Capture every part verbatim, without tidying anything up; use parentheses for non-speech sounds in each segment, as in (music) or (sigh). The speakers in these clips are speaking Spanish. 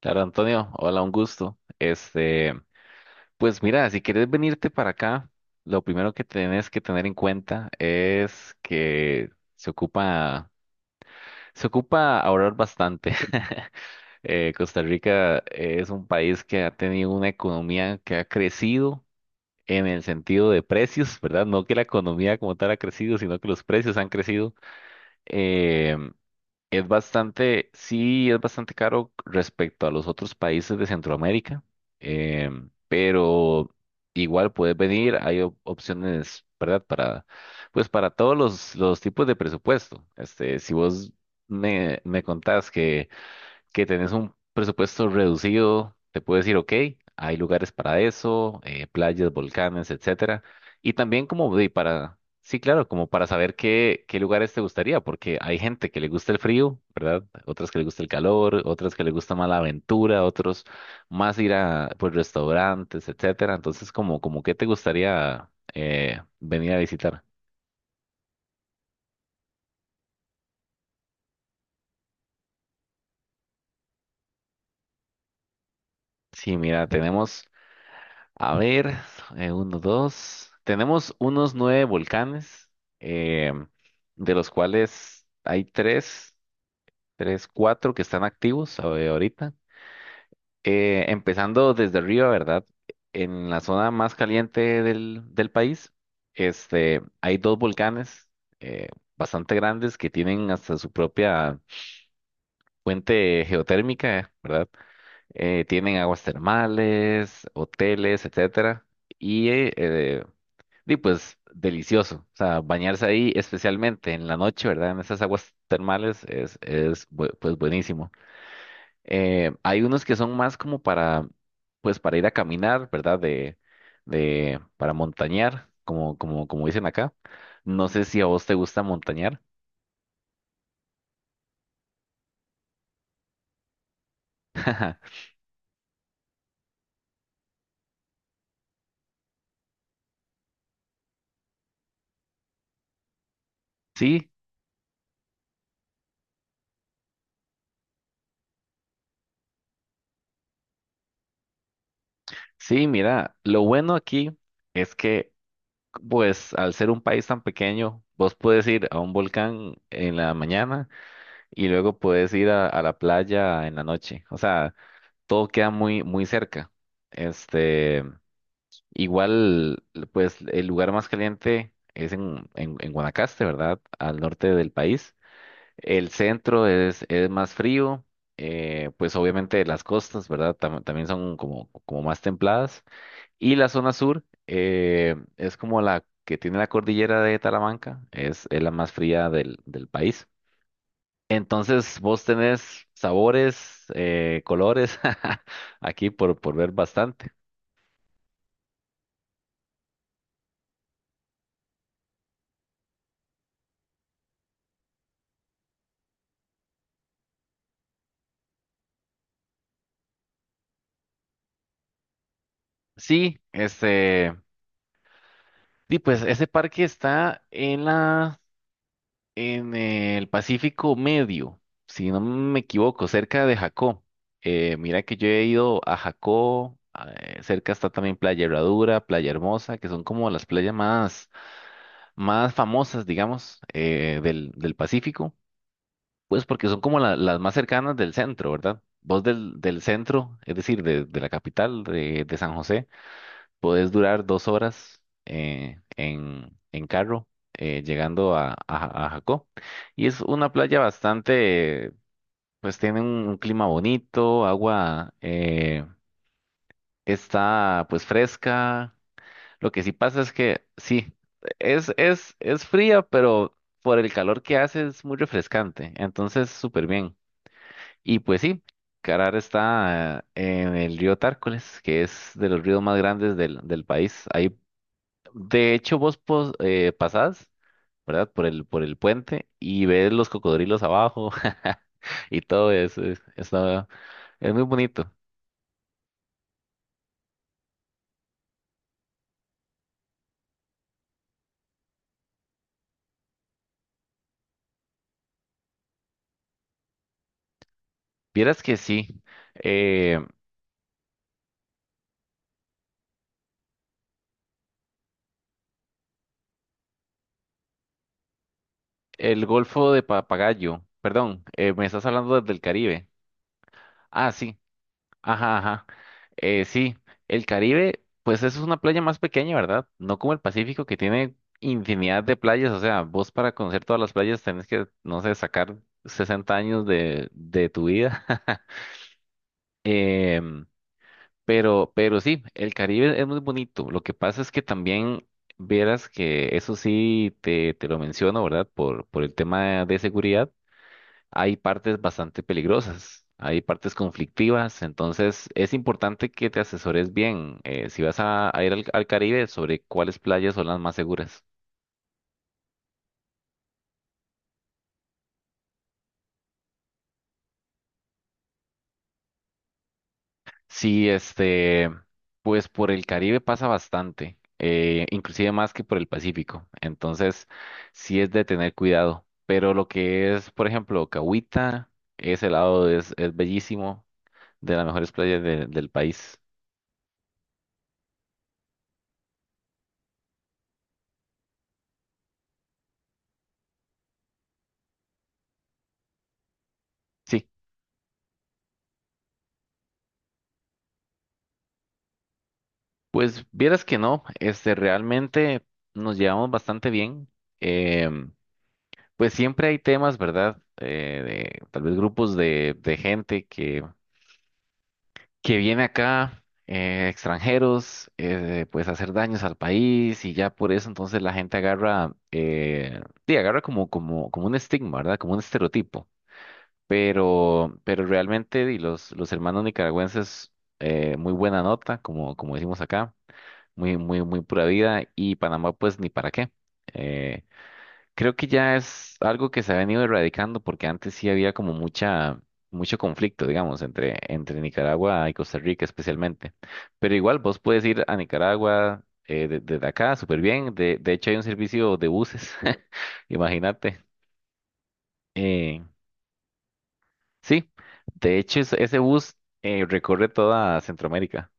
Claro, Antonio, hola, un gusto. Este, pues mira, si quieres venirte para acá, lo primero que tienes que tener en cuenta es que se ocupa, se ocupa ahorrar bastante. (laughs) Eh, Costa Rica es un país que ha tenido una economía que ha crecido en el sentido de precios, ¿verdad? No que la economía como tal ha crecido, sino que los precios han crecido. Eh, es bastante, sí, es bastante caro respecto a los otros países de Centroamérica, em, pero igual puedes venir, hay op- opciones, ¿verdad? Para, pues para todos los, los tipos de presupuesto. Este, si vos me, me contás que que tenés un presupuesto reducido, te puedes decir, ok, hay lugares para eso, eh, playas, volcanes, etcétera. Y también como de para, sí, claro, como para saber qué, qué lugares te gustaría, porque hay gente que le gusta el frío, ¿verdad? Otras que le gusta el calor, otras que le gusta más la aventura, otros más ir a, pues, restaurantes, etcétera. Entonces, como, como qué te gustaría eh, venir a visitar. Sí, mira, tenemos A ver, eh, uno, dos. Tenemos unos nueve volcanes, eh, de los cuales hay tres, tres, cuatro que están activos a- eh, ahorita. Eh, empezando desde arriba, ¿verdad? En la zona más caliente del, del país, este, hay dos volcanes eh, bastante grandes que tienen hasta su propia fuente geotérmica, ¿verdad? Eh, tienen aguas termales, hoteles, etcétera. Y eh, Y pues delicioso, o sea, bañarse ahí, especialmente en la noche, ¿verdad? En esas aguas termales es, es bu- pues buenísimo. Eh, hay unos que son más como para, pues para ir a caminar, ¿verdad? De, de, para montañar, como, como, como dicen acá. No sé si a vos te gusta montañar. (laughs) Sí, sí, mira, lo bueno aquí es que, pues, al ser un país tan pequeño, vos puedes ir a un volcán en la mañana y luego puedes ir a, a la playa en la noche. O sea, todo queda muy, muy cerca. Este, igual, pues el lugar más caliente es en, en, en Guanacaste, ¿verdad? Al norte del país. El centro es, es más frío. Eh, pues obviamente las costas, ¿verdad? Tam- también son como, como más templadas. Y la zona sur eh, es como la que tiene la cordillera de Talamanca, es, es la más fría del, del país. Entonces, vos tenés sabores, eh, colores, (laughs) aquí por, por ver bastante. Sí, este, sí, pues ese parque está en la, en el Pacífico Medio, si no me equivoco, cerca de Jacó. Eh, mira que yo he ido a Jacó, ah, eh, cerca está también Playa Herradura, Playa Hermosa, que son como las playas más, más famosas, digamos, eh, del, del Pacífico. Pues porque son como la- las más cercanas del centro, ¿verdad? Vos del, del centro, es decir, de, de la capital de, de San José, podés durar dos horas eh, en, en carro eh, llegando a, a, a Jacó. Y es una playa bastante, pues tiene un, un clima bonito, agua eh, está pues fresca. Lo que sí pasa es que sí, es, es, es fría, pero por el calor que hace es muy refrescante. Entonces, súper bien. Y pues sí, Carar está eh, en el río Tárcoles, que es de los ríos más grandes del, del país. Ahí, de hecho, vos pos- eh, pasás, ¿verdad? Por el, por el puente y ves los cocodrilos abajo (laughs) y todo eso. Es, está- es muy bonito. Vieras que sí. eh, el Golfo de Papagayo, perdón, eh, me estás hablando del Caribe. Ah, sí. Ajá, ajá. Eh, sí, el Caribe, pues eso es una playa más pequeña, ¿verdad? No como el Pacífico que tiene infinidad de playas, o sea, vos para conocer todas las playas tenés que, no sé, sacar sesenta años de, de tu vida. (laughs) Em, pero, pero sí, el Caribe es muy bonito. Lo que pasa es que también verás que eso sí te, te lo menciono, ¿verdad? Por, por el tema de seguridad hay partes bastante peligrosas, hay partes conflictivas, entonces es importante que te asesores bien eh, si vas a, a ir al, al Caribe sobre cuáles playas son las más seguras. Sí, este, pues por el Caribe pasa bastante, eh, inclusive más que por el Pacífico, entonces sí es de tener cuidado, pero lo que es, por ejemplo, Cahuita, ese lado es, es bellísimo, de las mejores playas de- del país. Sí, pues vieras que no, este, realmente nos llevamos bastante bien. Em, pues siempre hay temas, ¿verdad? Eh, de, tal vez grupos de, de gente que, que viene acá, eh, extranjeros, eh, pues a hacer daños al país y ya por eso entonces la gente agarra, eh, sí, agarra como, como, como un estigma, ¿verdad? Como un estereotipo. Pero, pero realmente di, los, los hermanos nicaragüenses, eh, muy buena nota, como, como decimos acá muy, muy, muy pura vida y Panamá pues ni para qué. Eh, creo que ya es algo que se ha venido erradicando porque antes sí había como mucha, mucho conflicto, digamos, entre, entre Nicaragua y Costa Rica especialmente. Pero igual vos puedes ir a Nicaragua eh, de- desde acá súper bien. De, de hecho hay un servicio de buses, (laughs) imagínate. Eh, sí, de hecho es- ese bus eh, recorre toda Centroamérica.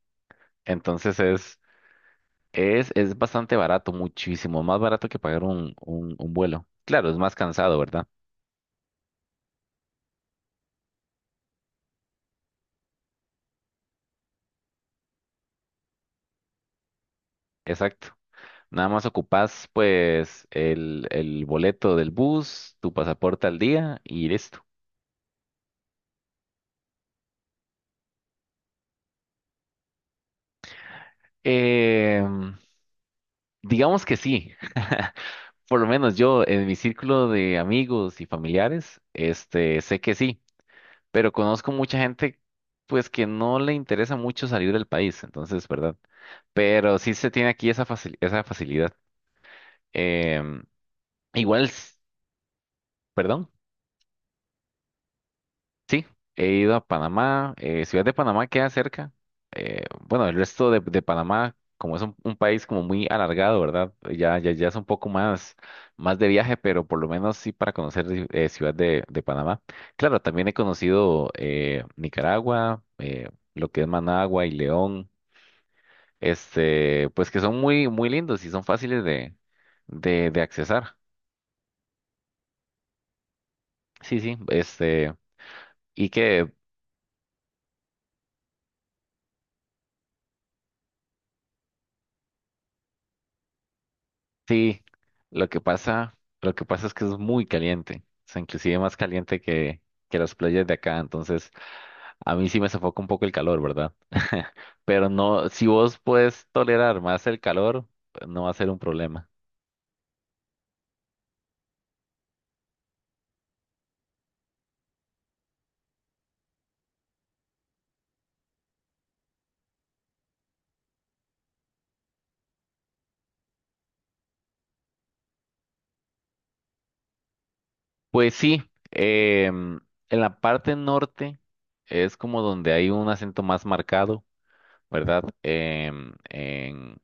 Entonces Es, es bastante barato, muchísimo más barato que pagar un, un, un vuelo. Claro, es más cansado, ¿verdad? Exacto. Nada más ocupas pues el, el boleto del bus, tu pasaporte al día y listo. Em, digamos que sí. (laughs) Por lo menos yo en mi círculo de amigos y familiares, este, sé que sí, pero conozco mucha gente pues que no le interesa mucho salir del país, entonces, ¿verdad? Pero sí se tiene aquí esa facil- esa facilidad. Em, igual, s- perdón, sí, he ido a Panamá. eh, Ciudad de Panamá queda cerca. eh, bueno, el resto de, de Panamá, como es un, un país como muy alargado, ¿verdad? Ya, ya, ya es un poco más, más de viaje, pero por lo menos sí para conocer eh, Ciudad de, de Panamá. Claro, también he conocido eh, Nicaragua, eh, lo que es Managua y León, este, pues que son muy, muy lindos y son fáciles de, de, de accesar. Sí, sí, este y que sí, lo que pasa, lo que pasa es que es muy caliente, o sea, inclusive más caliente que, que las playas de acá, entonces a mí sí me sofoca un poco el calor, ¿verdad? (laughs) Pero no, si vos puedes tolerar más el calor, pues no va a ser un problema. Pues sí, em, en la parte norte es como donde hay un acento más marcado, ¿verdad? Em, En,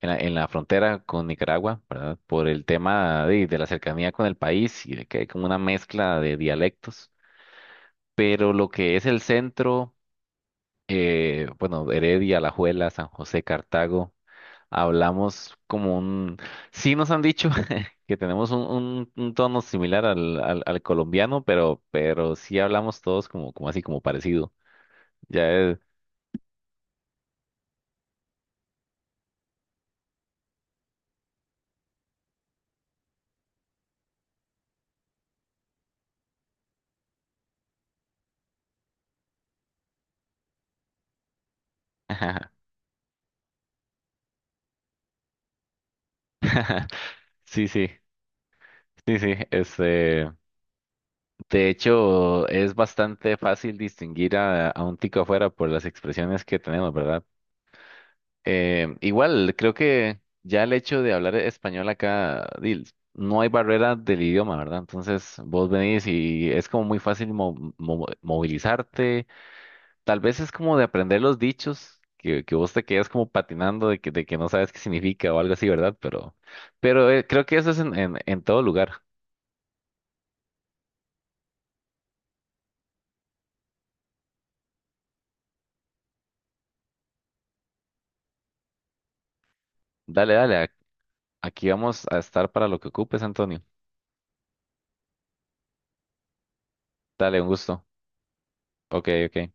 en la, en la frontera con Nicaragua, ¿verdad? Por el tema de, de la cercanía con el país y de que hay como una mezcla de dialectos. Pero lo que es el centro, eh, bueno, Heredia, Alajuela, San José, Cartago, hablamos como un... Sí nos han dicho (laughs) que tenemos un, un- un tono similar al, al, al colombiano, pero, pero sí hablamos todos como, como así, como parecido. Ya es... (laughs) Sí, sí, sí, sí, este... De hecho, es bastante fácil distinguir a, a un tico afuera por las expresiones que tenemos, ¿verdad? Eh, igual, creo que ya el hecho de hablar español acá, di, no hay barrera del idioma, ¿verdad? Entonces, vos venís y es como muy fácil mo- mo- movilizarte. Tal vez es como de aprender los dichos, que, que vos te quedas como patinando de que, de que no sabes qué significa o algo así, ¿verdad? Pero, pero eh, creo que eso es en, en, en todo lugar. Dale, dale, a- aquí vamos a estar para lo que ocupes, Antonio. Dale, un gusto. Ok, ok.